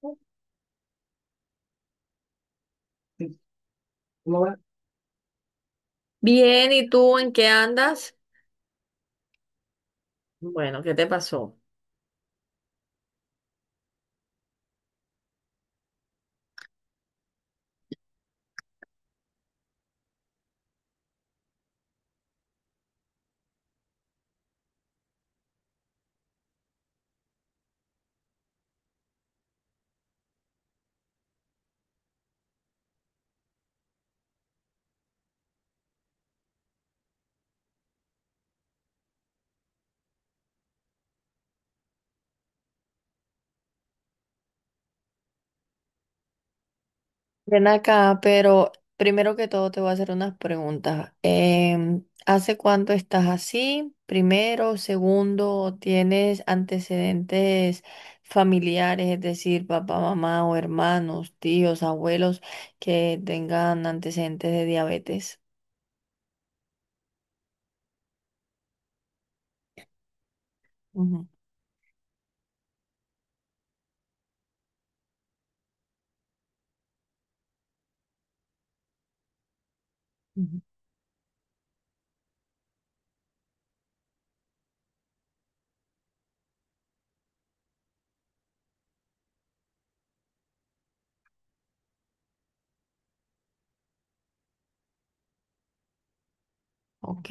¿Cómo va? Bien, ¿y tú en qué andas? Bueno, ¿qué te pasó? Ven acá, pero primero que todo te voy a hacer unas preguntas. ¿Hace cuánto estás así? Primero, segundo, ¿tienes antecedentes familiares, es decir, papá, mamá o hermanos, tíos, abuelos que tengan antecedentes de diabetes? Ujú, ujú. Ok,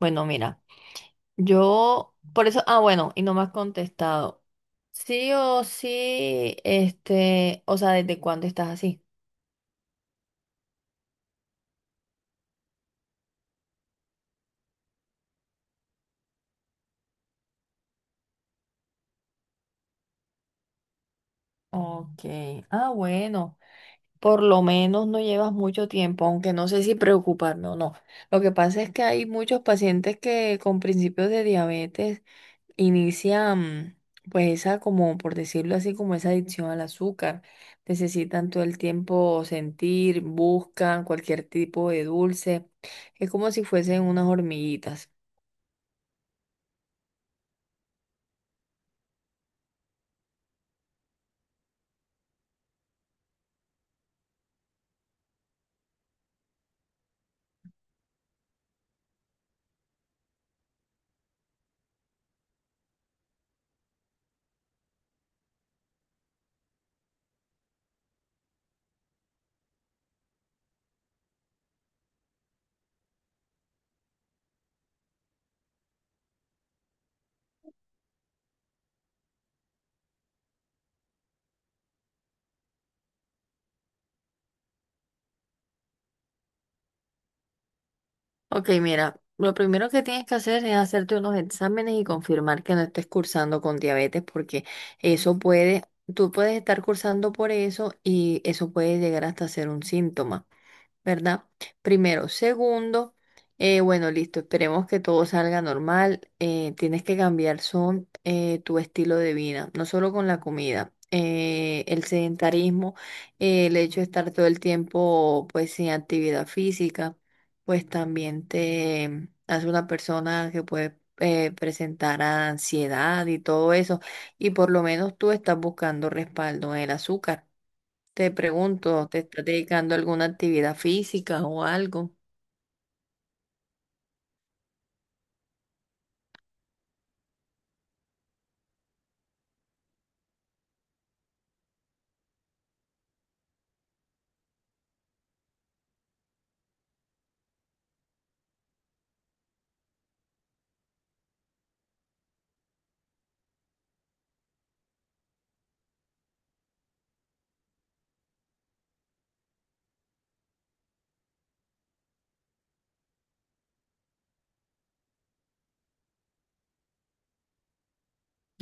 bueno, mira. Yo, por eso, ah, bueno, y no me has contestado. Sí o sí, este, o sea, ¿desde cuándo estás así? Ok, ah, bueno, por lo menos no llevas mucho tiempo, aunque no sé si preocuparme o no. Lo que pasa es que hay muchos pacientes que con principios de diabetes inicia pues esa como por decirlo así como esa adicción al azúcar. Necesitan todo el tiempo sentir, buscan cualquier tipo de dulce. Es como si fuesen unas hormiguitas. Ok, mira, lo primero que tienes que hacer es hacerte unos exámenes y confirmar que no estés cursando con diabetes porque eso puede, tú puedes estar cursando por eso y eso puede llegar hasta ser un síntoma. ¿Verdad? Primero. Segundo, bueno, listo, esperemos que todo salga normal. Tienes que cambiar son tu estilo de vida, no solo con la comida. El sedentarismo, el hecho de estar todo el tiempo pues sin actividad física, pues también te hace una persona que puede presentar ansiedad y todo eso y por lo menos tú estás buscando respaldo en el azúcar. Te pregunto, ¿te estás dedicando a alguna actividad física o algo?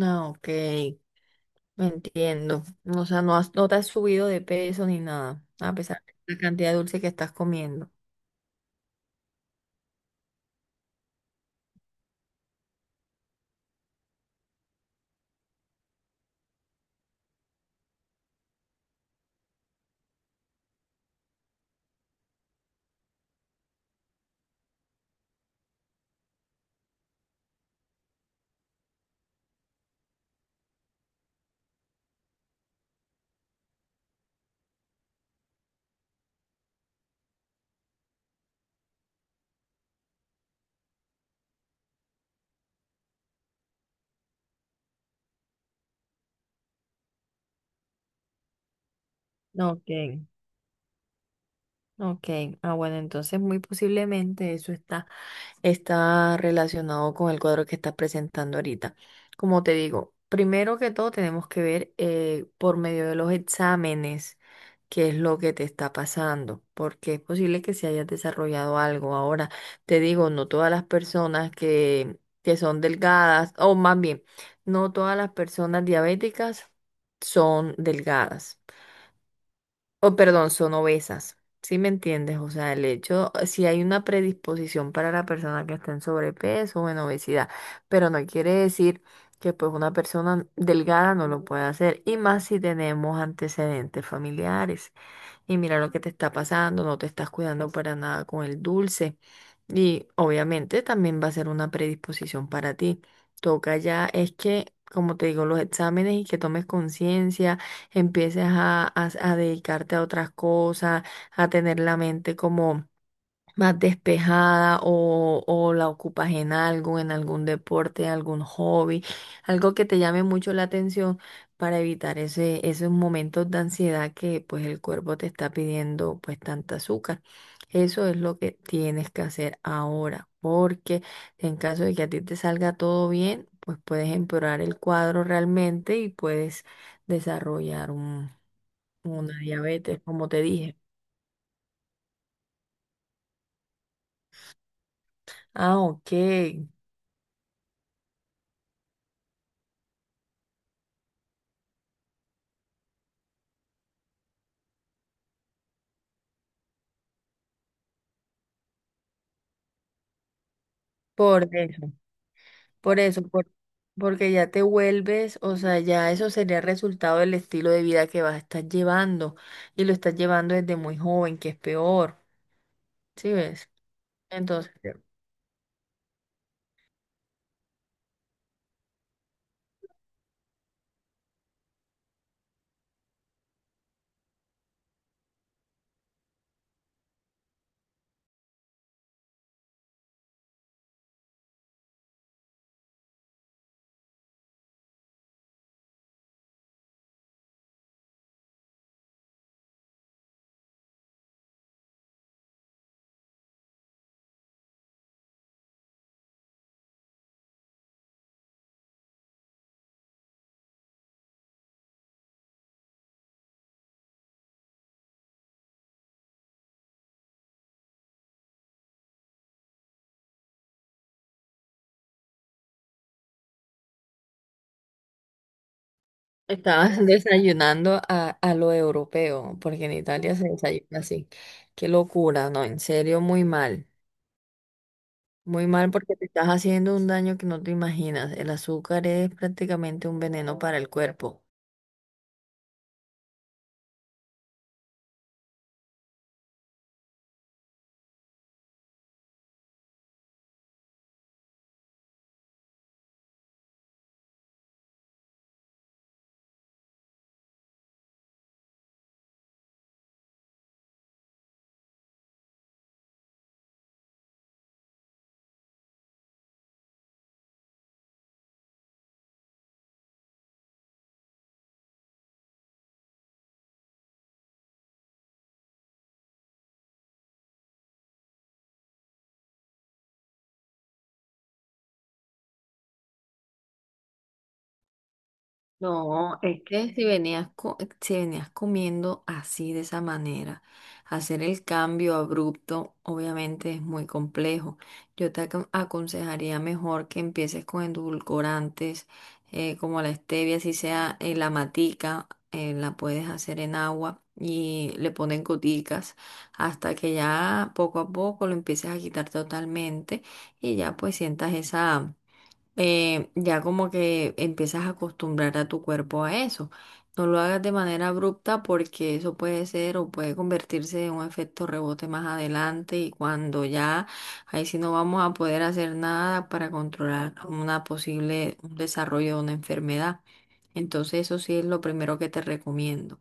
Ah, ok, me entiendo. O sea, no te has subido de peso ni nada, a pesar de la cantidad de dulce que estás comiendo. Ok. Ok, ah, bueno, entonces muy posiblemente eso está, está relacionado con el cuadro que estás presentando ahorita. Como te digo, primero que todo tenemos que ver por medio de los exámenes qué es lo que te está pasando, porque es posible que se haya desarrollado algo. Ahora, te digo, no todas las personas que son delgadas, o más bien, no todas las personas diabéticas son delgadas o perdón, son obesas. ¿Sí me entiendes? O sea, el hecho, si hay una predisposición para la persona que está en sobrepeso o en obesidad, pero no quiere decir que pues una persona delgada no lo pueda hacer, y más si tenemos antecedentes familiares. Y mira lo que te está pasando, no te estás cuidando para nada con el dulce. Y obviamente también va a ser una predisposición para ti. Toca ya, es que, como te digo, los exámenes y que tomes conciencia empieces a dedicarte a otras cosas, a tener la mente como más despejada o la ocupas en algo, en algún deporte, algún hobby, algo que te llame mucho la atención para evitar esos momentos de ansiedad que pues el cuerpo te está pidiendo pues tanta azúcar. Eso es lo que tienes que hacer ahora, porque en caso de que a ti te salga todo bien, pues puedes empeorar el cuadro realmente y puedes desarrollar una diabetes, como te dije. Ah, ok. Por eso. Por eso, por- porque ya te vuelves, o sea, ya eso sería el resultado del estilo de vida que vas a estar llevando y lo estás llevando desde muy joven, que es peor, ¿sí ves? Entonces, estabas desayunando a lo europeo, porque en Italia se desayuna así. Qué locura, no, en serio, muy mal. Muy mal porque te estás haciendo un daño que no te imaginas. El azúcar es prácticamente un veneno para el cuerpo. No, es que si venías, si venías comiendo así de esa manera, hacer el cambio abrupto obviamente es muy complejo. Yo te aconsejaría mejor que empieces con endulcorantes como la stevia, si sea la matica, la puedes hacer en agua y le ponen goticas hasta que ya poco a poco lo empieces a quitar totalmente y ya pues sientas esa ya como que empiezas a acostumbrar a tu cuerpo a eso. No lo hagas de manera abrupta porque eso puede ser o puede convertirse en un efecto rebote más adelante y cuando ya ahí sí no vamos a poder hacer nada para controlar una posible un desarrollo de una enfermedad. Entonces eso sí es lo primero que te recomiendo.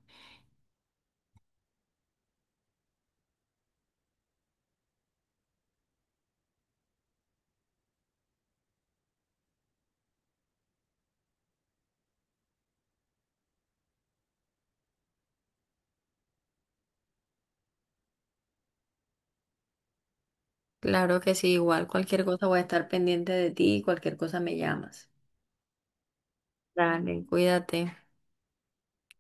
Claro que sí, igual cualquier cosa voy a estar pendiente de ti, y cualquier cosa me llamas. Dale, cuídate.